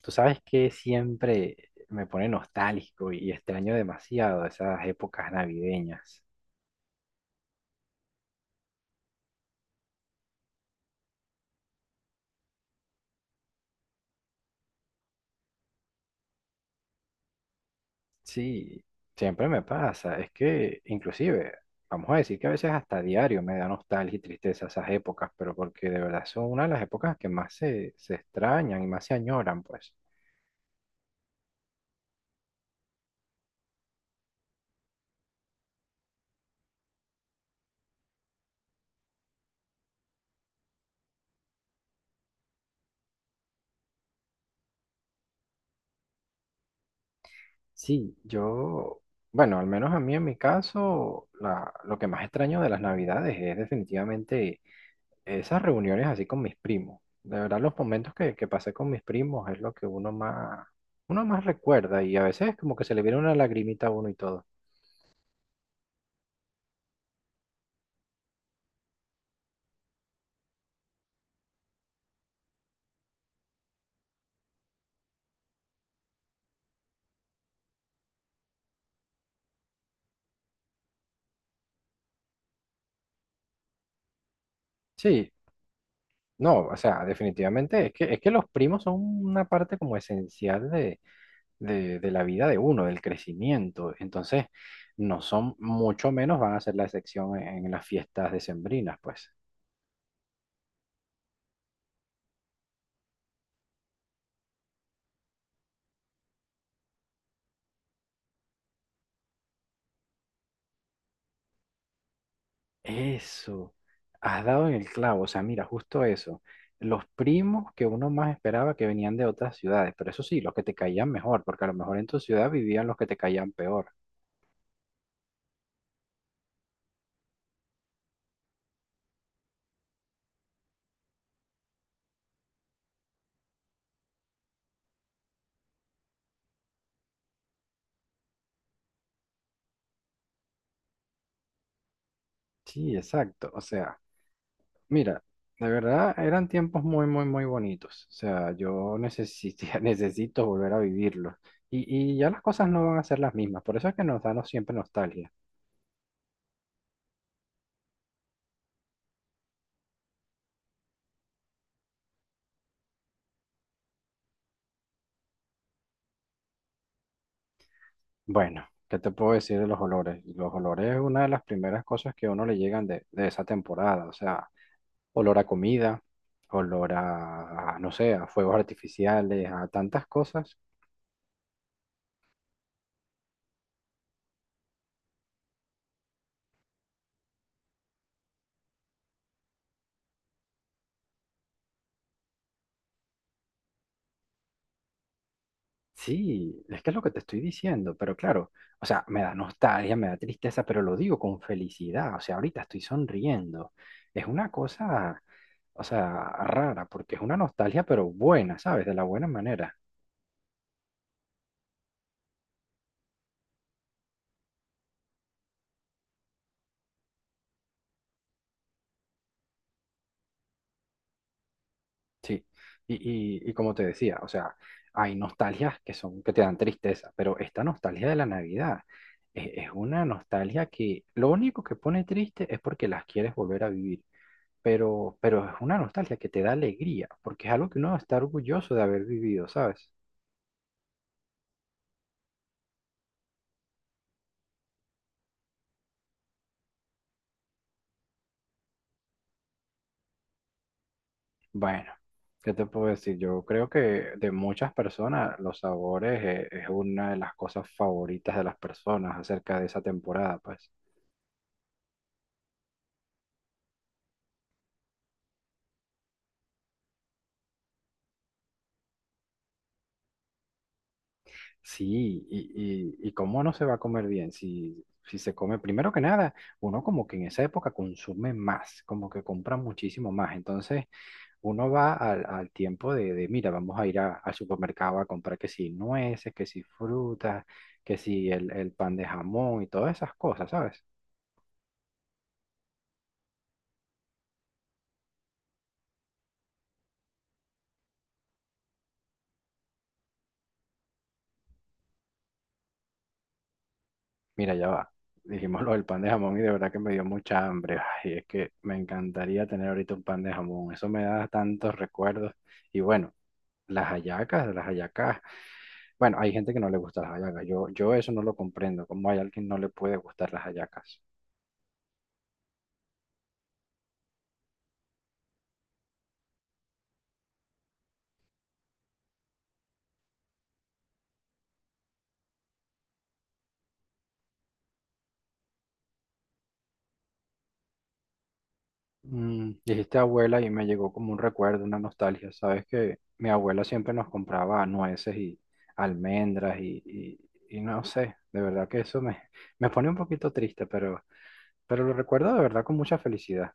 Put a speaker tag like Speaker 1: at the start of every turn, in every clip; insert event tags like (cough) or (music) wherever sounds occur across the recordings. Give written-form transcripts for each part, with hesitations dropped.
Speaker 1: Tú sabes que siempre me pone nostálgico y extraño demasiado esas épocas navideñas. Sí, siempre me pasa. Es que inclusive, vamos a decir que a veces hasta diario me da nostalgia y tristeza esas épocas, pero porque de verdad son una de las épocas que más se extrañan y más se añoran, pues. Sí, yo, bueno, al menos a mí en mi caso, lo que más extraño de las navidades es definitivamente esas reuniones así con mis primos. De verdad, los momentos que, pasé con mis primos es lo que uno más recuerda, y a veces como que se le viene una lagrimita a uno y todo. Sí, no, o sea, definitivamente es que, los primos son una parte como esencial de la vida de uno, del crecimiento. Entonces, no son, mucho menos van a ser la excepción en las fiestas decembrinas, pues. Eso, has dado en el clavo, o sea, mira, justo eso. Los primos que uno más esperaba que venían de otras ciudades, pero eso sí, los que te caían mejor, porque a lo mejor en tu ciudad vivían los que te caían peor. Sí, exacto, o sea, mira, de verdad eran tiempos muy, muy, muy bonitos. O sea, yo necesito, (laughs) necesito volver a vivirlos. Y ya las cosas no van a ser las mismas, por eso es que nos da siempre nostalgia. Bueno, ¿qué te puedo decir de los olores? Los olores es una de las primeras cosas que a uno le llegan de esa temporada, o sea. Olor a comida, olor a no sé, a fuegos artificiales, a tantas cosas. Sí, es que es lo que te estoy diciendo, pero claro, o sea, me da nostalgia, me da tristeza, pero lo digo con felicidad. O sea, ahorita estoy sonriendo. Es una cosa, o sea, rara, porque es una nostalgia, pero buena, ¿sabes? De la buena manera. Sí, y como te decía, o sea, hay nostalgias que son, que te dan tristeza, pero esta nostalgia de la Navidad es una nostalgia que lo único que pone triste es porque las quieres volver a vivir, pero es una nostalgia que te da alegría, porque es algo que uno está orgulloso de haber vivido, ¿sabes? Bueno, ¿qué te puedo decir? Yo creo que de muchas personas los sabores es una de las cosas favoritas de las personas acerca de esa temporada, pues. Sí, y cómo no se va a comer bien si, se come. Primero que nada, uno como que en esa época consume más, como que compra muchísimo más. Entonces, uno va al tiempo mira, vamos a ir al supermercado a comprar que si nueces, que si frutas, que si el pan de jamón y todas esas cosas, ¿sabes? Mira, ya va. Dijimos lo del pan de jamón y de verdad que me dio mucha hambre. Ay, es que me encantaría tener ahorita un pan de jamón. Eso me da tantos recuerdos. Y bueno, las hallacas, las hallacas. Bueno, hay gente que no le gusta las hallacas. Yo eso no lo comprendo. ¿Cómo hay alguien que no le puede gustar las hallacas? Dijiste abuela y me llegó como un recuerdo, una nostalgia. Sabes que mi abuela siempre nos compraba nueces y almendras y no sé. De verdad que eso me, me pone un poquito triste, pero lo recuerdo de verdad con mucha felicidad.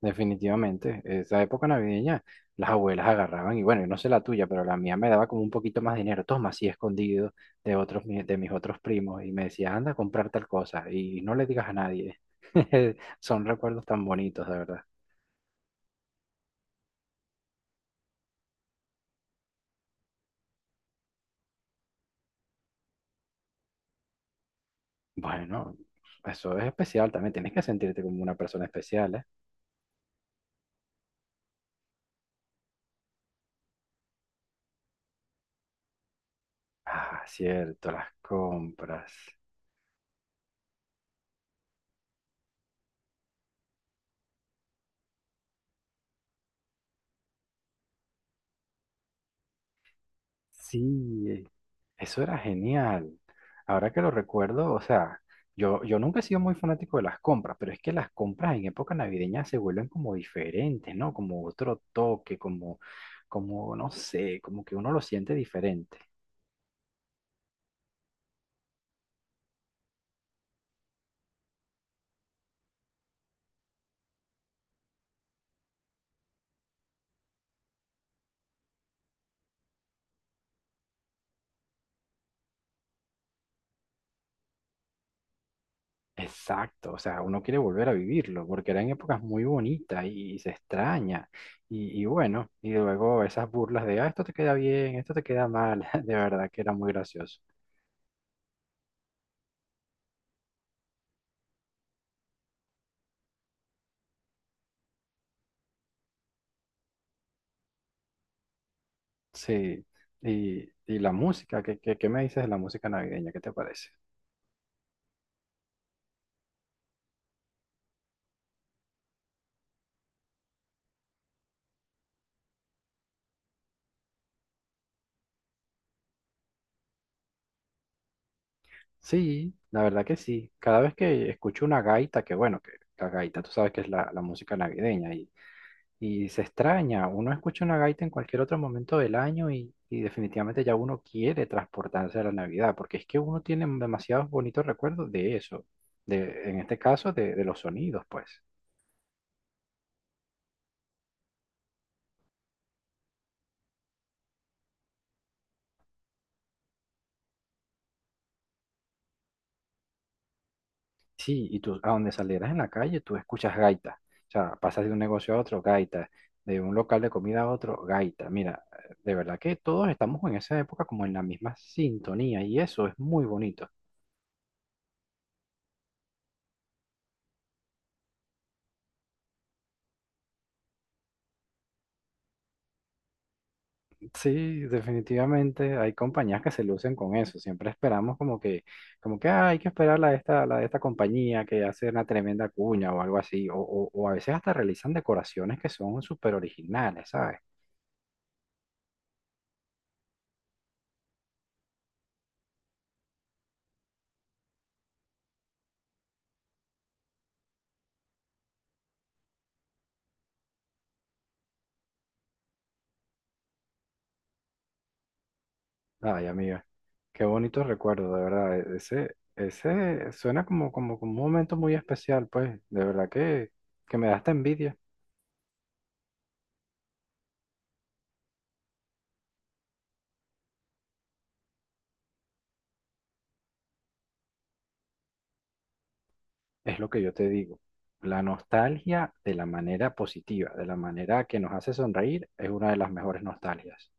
Speaker 1: Definitivamente, esa época navideña, las abuelas agarraban, y bueno, yo no sé la tuya, pero la mía me daba como un poquito más dinero, toma, así escondido de otros, de mis otros primos, y me decía, anda a comprar tal cosa, y no le digas a nadie. (laughs) Son recuerdos tan bonitos, de verdad. Bueno, eso es especial también, tienes que sentirte como una persona especial, ¿eh? Ah, cierto, las compras. Sí, eso era genial. Ahora que lo recuerdo, o sea, yo nunca he sido muy fanático de las compras, pero es que las compras en época navideña se vuelven como diferentes, ¿no? Como otro toque, no sé, como que uno lo siente diferente. Exacto, o sea, uno quiere volver a vivirlo, porque eran épocas muy bonitas y se extraña. Y bueno, y luego esas burlas de, ah, esto te queda bien, esto te queda mal, (laughs) de verdad que era muy gracioso. Sí, y la música. ¿Qué me dices de la música navideña? ¿Qué te parece? Sí, la verdad que sí. Cada vez que escucho una gaita, que bueno, que la gaita, tú sabes que es la música navideña y se extraña. Uno escucha una gaita en cualquier otro momento del año y definitivamente ya uno quiere transportarse a la Navidad, porque es que uno tiene demasiados bonitos recuerdos de eso, en este caso de los sonidos, pues. Sí, y tú a donde salieras en la calle, tú escuchas gaita. O sea, pasas de un negocio a otro, gaita. De un local de comida a otro, gaita. Mira, de verdad que todos estamos en esa época como en la misma sintonía y eso es muy bonito. Sí, definitivamente hay compañías que se lucen con eso. Siempre esperamos como que, como que: "Ah, hay que esperar la de esta compañía que hace una tremenda cuña o algo así". O a veces hasta realizan decoraciones que son súper originales, ¿sabes? Ay, amiga, qué bonito recuerdo, de verdad. Ese, ese suena como, como un momento muy especial, pues. De verdad que me da hasta envidia. Es lo que yo te digo. La nostalgia de la manera positiva, de la manera que nos hace sonreír, es una de las mejores nostalgias.